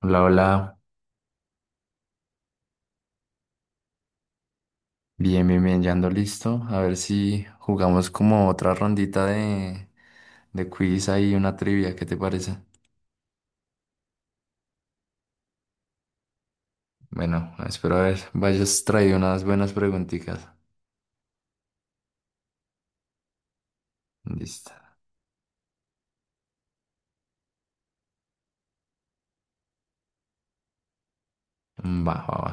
Hola, hola, bien, bien, bien, ya ando listo. A ver si jugamos como otra rondita de quiz ahí, una trivia, ¿qué te parece? Bueno, espero a ver, vayas traído unas buenas preguntitas. Listo. Va, va, va.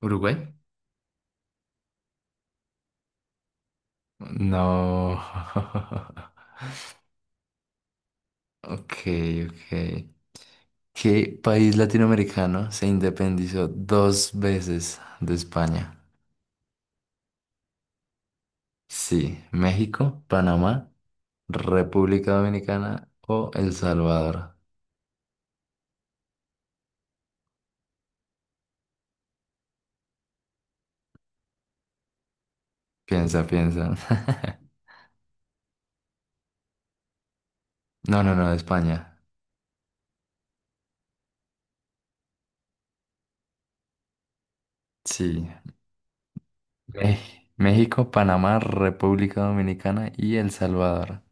¿Uruguay? No. Ok, ok. ¿Qué país latinoamericano se independizó dos veces de España? Sí, México, Panamá, República Dominicana o El Salvador. Piensa, piensa. No, no, no, España. Sí. Me- México, Panamá, República Dominicana y El Salvador.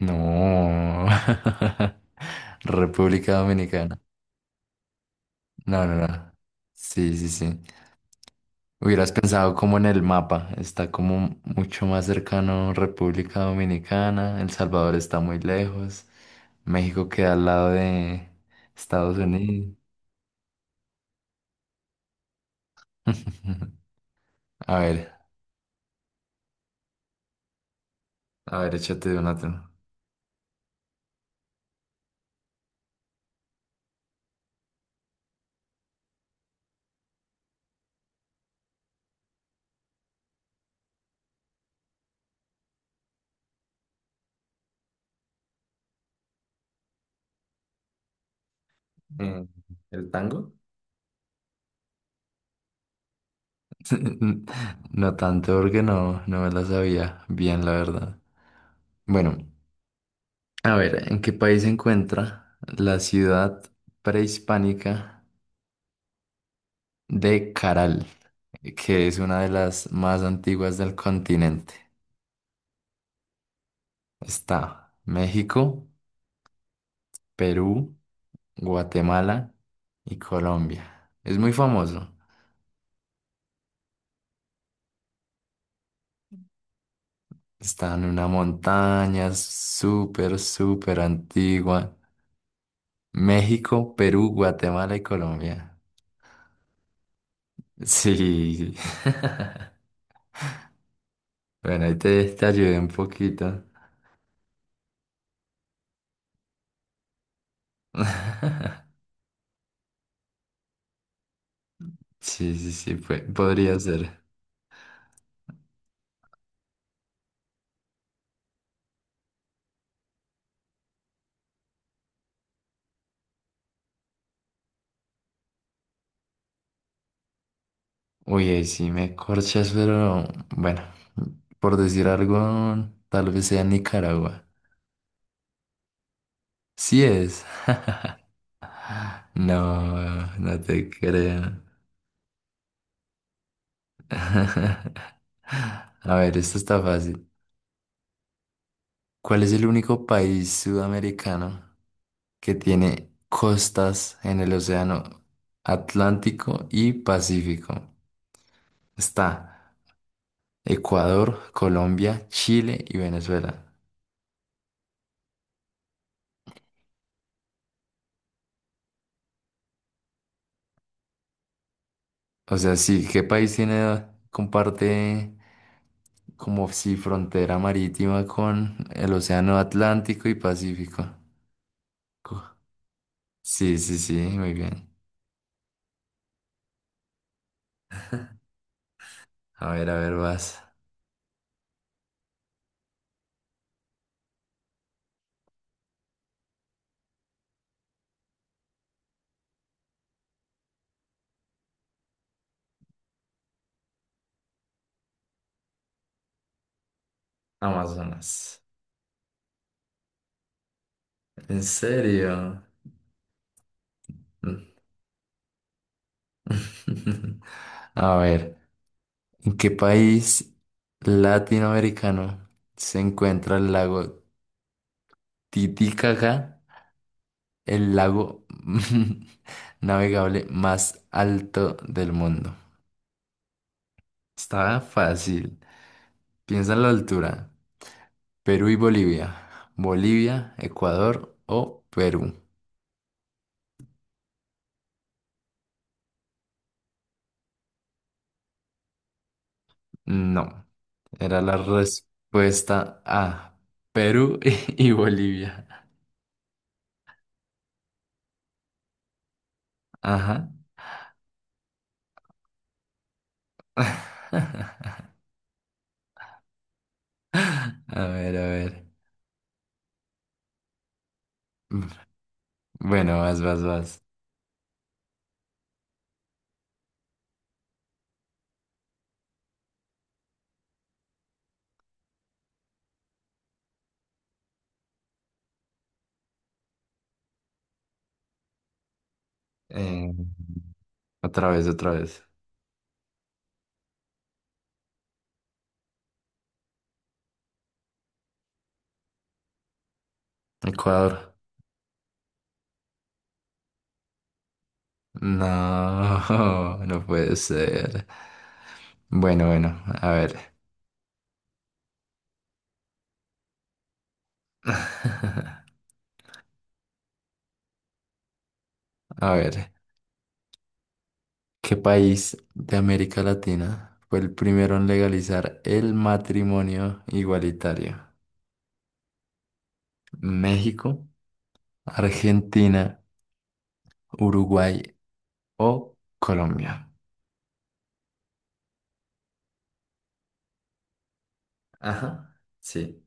No. República Dominicana. No, no, no. Sí, sí, sí. Hubieras pensado como en el mapa, está como mucho más cercano República Dominicana, El Salvador está muy lejos, México queda al lado de Estados Unidos. A ver, a ver, échate una tú. Eh, ¿El tango? No tanto porque no me la sabía bien, la verdad. Bueno, a ver, ¿en qué país se encuentra la ciudad prehispánica de Caral, que es una de las más antiguas del continente? Está México, Perú, Guatemala y Colombia. Es muy famoso. Está en una montaña súper, súper antigua. México, Perú, Guatemala y Colombia. Sí. Bueno, ahí te ayudé un poquito. Sí, sí, sí, podría ser. Uy, ahí sí me corchas, pero bueno, por decir algo, tal vez sea Nicaragua. Sí es. No, no te creo. A ver, esto está fácil. ¿Cuál es el único país sudamericano que tiene costas en el océano Atlántico y Pacífico? Está Ecuador, Colombia, Chile y Venezuela. O sea, sí, ¿qué país tiene, comparte como si frontera marítima con el Océano Atlántico y Pacífico? Co- Sí, sí, sí, muy bien. A ver, vas. Amazonas. ¿En serio? Mm. A ver, ¿en qué país latinoamericano se encuentra el lago Titicaca, el lago navegable más alto del mundo? Estaba fácil. Piensa en la altura. Perú y Bolivia. Bolivia, Ecuador o Perú. No, era la respuesta A. Perú y Bolivia. Ajá. A ver, a ver. Bueno, vas, vas, vas. Eh, otra vez, otra vez. Ecuador. No, no puede ser. Bueno, bueno, a ver. A ver. ¿Qué país de América Latina fue el primero en legalizar el matrimonio igualitario? ¿México, Argentina, Uruguay o Colombia? Ajá, sí.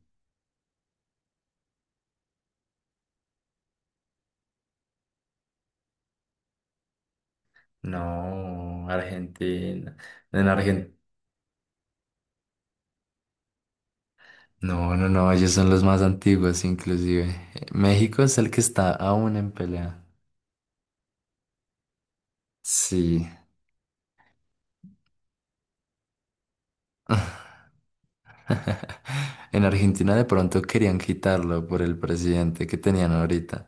No, Argentina. En Argentina. No, no, no, ellos son los más antiguos, inclusive. México es el que está aún en pelea. Sí. En Argentina de pronto querían quitarlo por el presidente que tenían ahorita.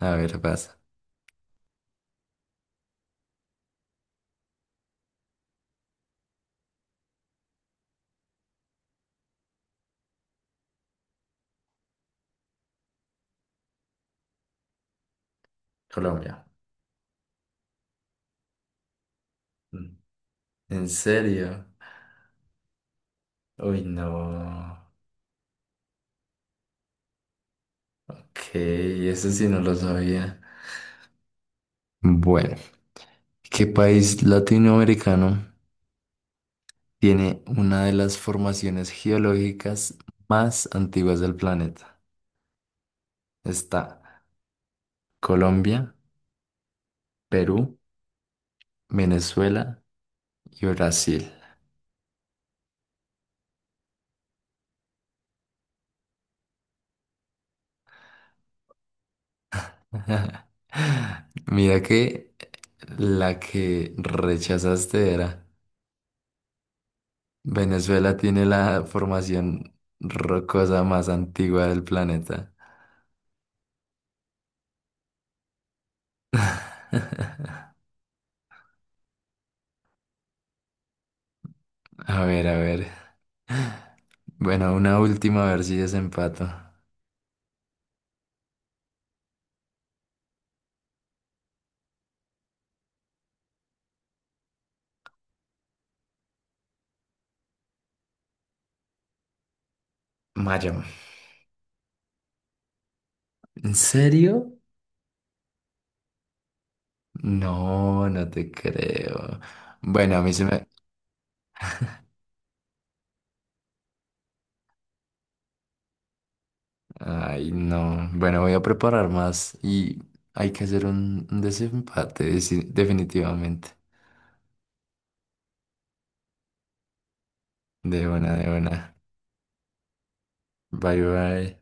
A ver, pasa. Colombia. ¿En serio? Uy, no. Ok, eso sí no lo sabía. Bueno, ¿qué país latinoamericano tiene una de las formaciones geológicas más antiguas del planeta? Está Colombia, Perú, Venezuela y Brasil. Mira que la que rechazaste era Venezuela, tiene la formación rocosa más antigua del planeta. A ver, a ver. Bueno, una última, a ver si desempato. Mayo. ¿En serio? No, no te creo. Bueno, a mí se me... Ay, no. Bueno, voy a preparar más y hay que hacer un desempate, definitivamente. De una, de una. Bye, bye.